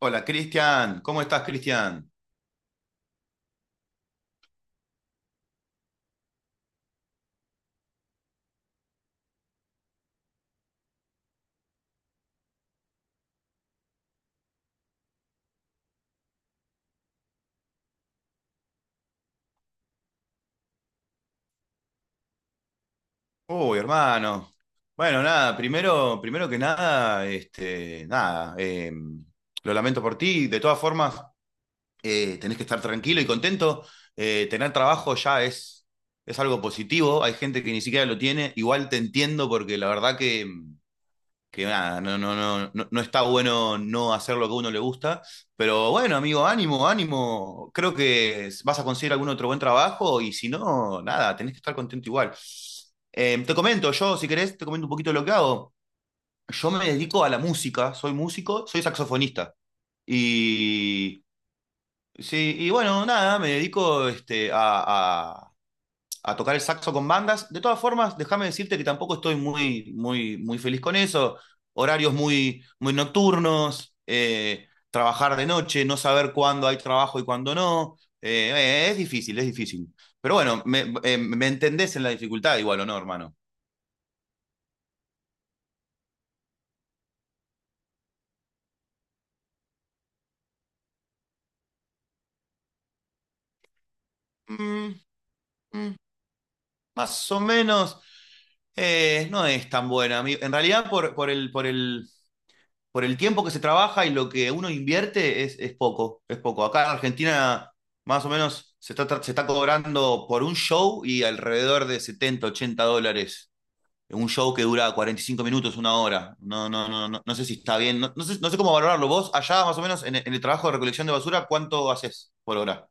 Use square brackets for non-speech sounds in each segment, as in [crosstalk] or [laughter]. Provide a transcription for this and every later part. Hola, Cristian. ¿Cómo estás, Cristian? Uy, hermano. Bueno, nada, primero que nada, nada, lo lamento por ti. De todas formas, tenés que estar tranquilo y contento. Tener trabajo es algo positivo. Hay gente que ni siquiera lo tiene. Igual te entiendo porque la verdad que que nada, no está bueno no hacer lo que a uno le gusta. Pero bueno, amigo, ánimo, ánimo. Creo que vas a conseguir algún otro buen trabajo y si no, nada, tenés que estar contento igual. Te comento, yo, si querés, te comento un poquito lo que hago. Yo me dedico a la música, soy músico, soy saxofonista. Y, sí, y bueno, nada, me dedico a tocar el saxo con bandas. De todas formas, déjame decirte que tampoco estoy muy, muy, muy feliz con eso. Horarios muy, muy nocturnos, trabajar de noche, no saber cuándo hay trabajo y cuándo no. Es difícil, es difícil. Pero bueno, me entendés en la dificultad igual, ¿o no, hermano? Mm, mm, más o menos no es tan buena. En realidad, por el tiempo que se trabaja y lo que uno invierte es poco, es poco. Acá en Argentina más o menos se está cobrando por un show y alrededor de 70 80 dólares. Un show que dura 45 minutos, una hora. No sé si está bien. No, no sé, no sé cómo valorarlo. Vos, allá más o menos en el trabajo de recolección de basura, ¿cuánto haces por hora?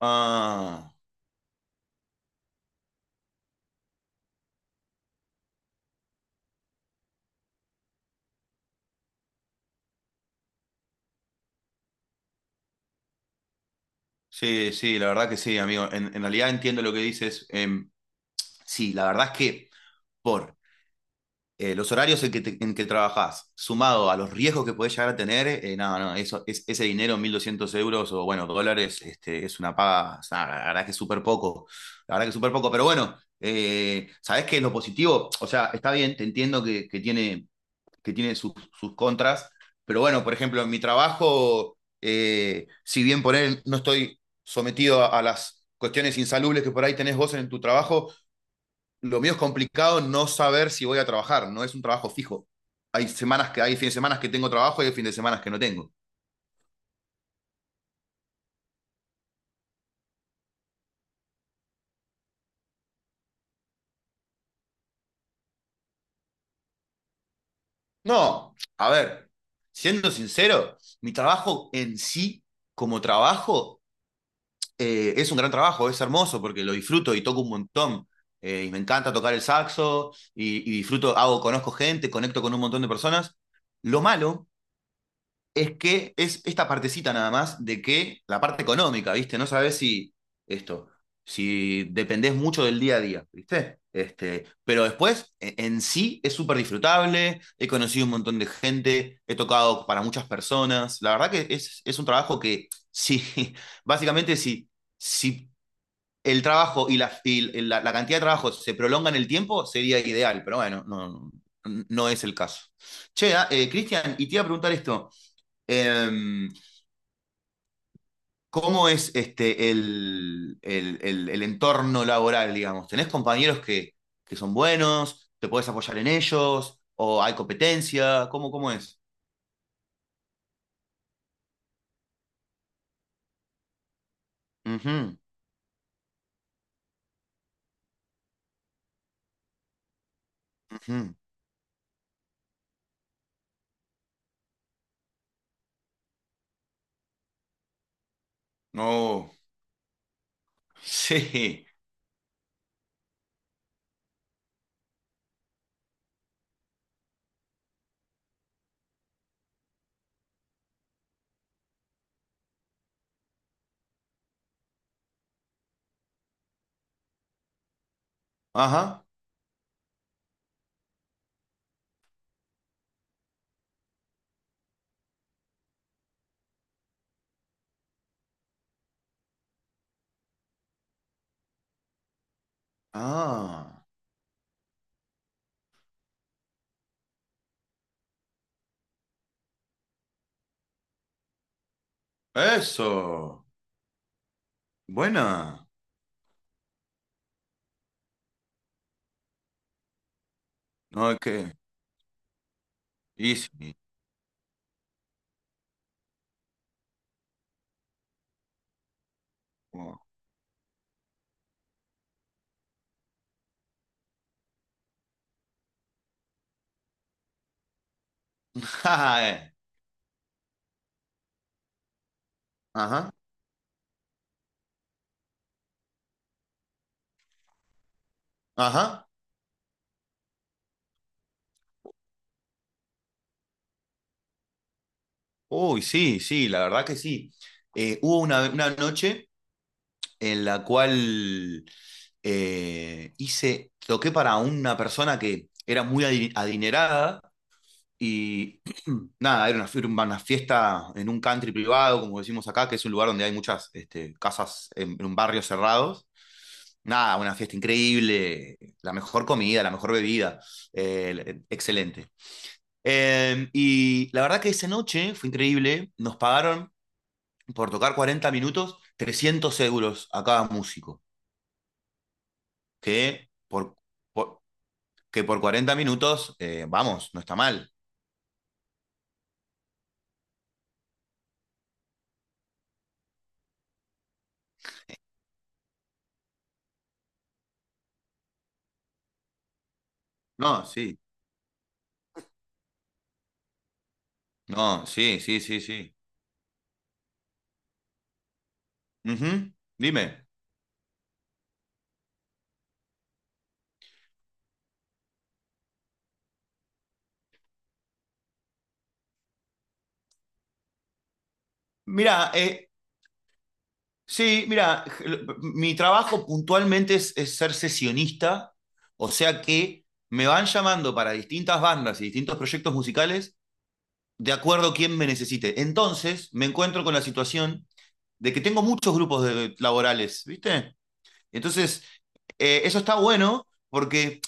Ah, sí, sí, la verdad que sí, amigo. En realidad entiendo lo que dices. Sí, la verdad es que por los horarios en en que trabajás, sumado a los riesgos que podés llegar a tener, no, no, eso, es, ese dinero, 1200 euros o, bueno, dólares, este, es una paga, o sea, la verdad que es súper poco, la verdad que es súper poco, pero bueno, ¿sabés qué es lo positivo? O sea, está bien, te entiendo que tiene sus, sus contras, pero bueno, por ejemplo, en mi trabajo, si bien por él no estoy sometido a las cuestiones insalubres que por ahí tenés vos en tu trabajo, lo mío es complicado no saber si voy a trabajar, no es un trabajo fijo. Hay semanas que hay fines de semana que tengo trabajo y hay fines de semana que no tengo. No, a ver, siendo sincero, mi trabajo en sí, como trabajo, es un gran trabajo, es hermoso porque lo disfruto y toco un montón. Y me encanta tocar el saxo y disfruto, hago, conozco gente, conecto con un montón de personas. Lo malo es que es esta partecita nada más de que la parte económica, ¿viste? No sabes si esto, si dependés mucho del día a día, ¿viste? Este, pero después, en sí, es súper disfrutable, he conocido un montón de gente, he tocado para muchas personas, la verdad que es un trabajo que, sí, [laughs] básicamente, si el trabajo la cantidad de trabajo se prolonga en el tiempo, sería ideal, pero bueno, no es el caso. Che, Cristian, y te iba a preguntar esto. Eh, ¿Cómo es el entorno laboral, digamos? ¿Tenés compañeros que son buenos? ¿Te podés apoyar en ellos? ¿O hay competencia? ¿Cómo, cómo es? Ujú, ujú. No. [laughs] Sí. Ajá. Ah. Eso. Buena. No, qué. Y [laughs] Ajá. Ajá. Uy, sí, sí, la verdad que sí. Hubo una noche en la cual hice, toqué para una persona que era adinerada y [clears throat] nada, era una, una fiesta en un country privado, como decimos acá, que es un lugar donde hay muchas casas en barrios cerrados. Nada, una fiesta increíble, la mejor comida, la mejor bebida, excelente. Y la verdad que esa noche fue increíble, nos pagaron por tocar 40 minutos 300 euros a cada músico. que por, por- que por 40 minutos, vamos, no está mal. No, sí. No, sí, sí, sí, sí. Ujú. Dime. Mira, sí, mira, mi trabajo puntualmente es ser sesionista, o sea que me van llamando para distintas bandas y distintos proyectos musicales de acuerdo a quién me necesite. Entonces me encuentro con la situación de que tengo muchos laborales, ¿viste? Entonces, eso está bueno porque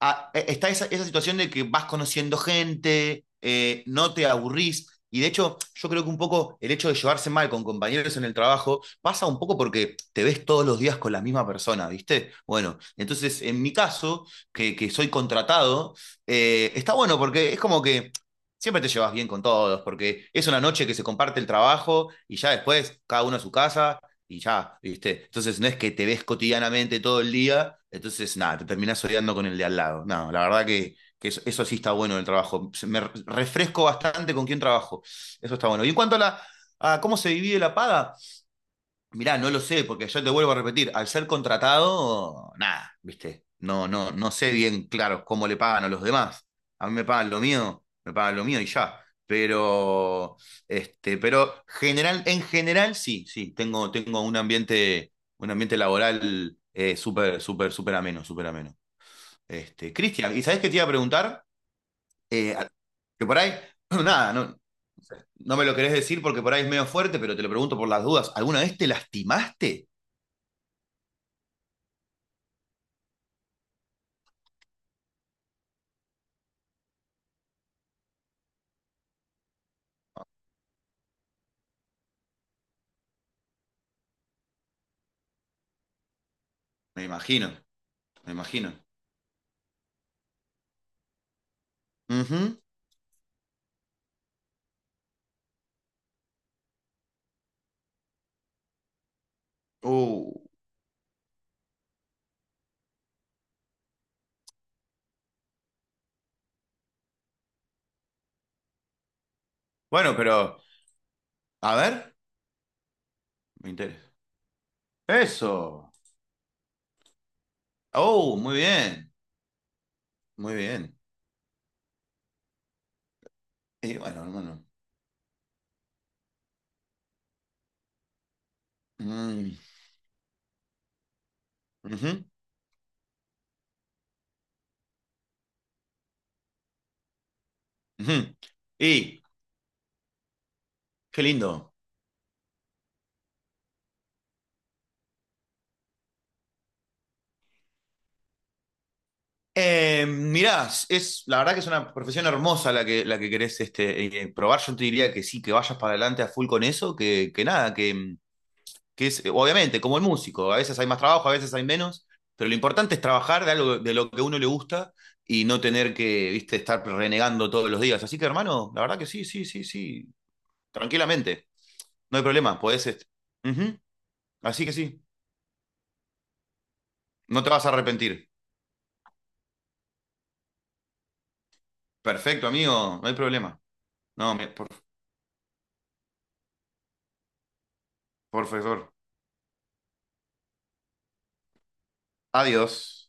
está esa, esa situación de que vas conociendo gente, no te aburrís. Y de hecho, yo creo que un poco el hecho de llevarse mal con compañeros en el trabajo pasa un poco porque te ves todos los días con la misma persona, ¿viste? Bueno, entonces en mi caso, que soy contratado, está bueno porque es como que siempre te llevas bien con todos, porque es una noche que se comparte el trabajo y ya después cada uno a su casa y ya, ¿viste? Entonces no es que te ves cotidianamente todo el día, entonces nada, te terminás odiando con el de al lado. No, la verdad que eso sí está bueno en el trabajo. Me refresco bastante con quién trabajo. Eso está bueno. Y en cuanto a la a cómo se divide la paga, mirá, no lo sé, porque yo te vuelvo a repetir, al ser contratado, nada, ¿viste? No sé bien, claro, cómo le pagan a los demás. A mí me pagan lo mío, me pagan lo mío y ya. Pero, pero general, en general, sí, sí, tengo, tengo un ambiente laboral súper, súper, súper ameno, súper ameno. Este, Cristian, ¿y sabés qué te iba a preguntar? Eh, que por ahí, [clears throat] nada, no, no me lo querés decir porque por ahí es medio fuerte, pero te lo pregunto por las dudas. ¿Alguna vez te lastimaste? Me imagino, me imagino. Ujú. Uh. Bueno, pero, a ver, me interesa. Eso. Oh, muy bien, muy bien. Y bueno, hermano. Mm. Ujú, ujú. Y, qué lindo. Mirá, es, la verdad que es una profesión hermosa la que querés probar. Yo te diría que sí, que vayas para adelante a full con eso, que nada, que es, obviamente, como el músico, a veces hay más trabajo, a veces hay menos, pero lo importante es trabajar de algo de lo que a uno le gusta y no tener que, viste, estar renegando todos los días. Así que, hermano, la verdad que sí, sí, sí, sí, tranquilamente, no hay problema, podés... est- Ujú. Así que sí, no te vas a arrepentir. Perfecto, amigo, no hay problema. No, me- por favor. Adiós.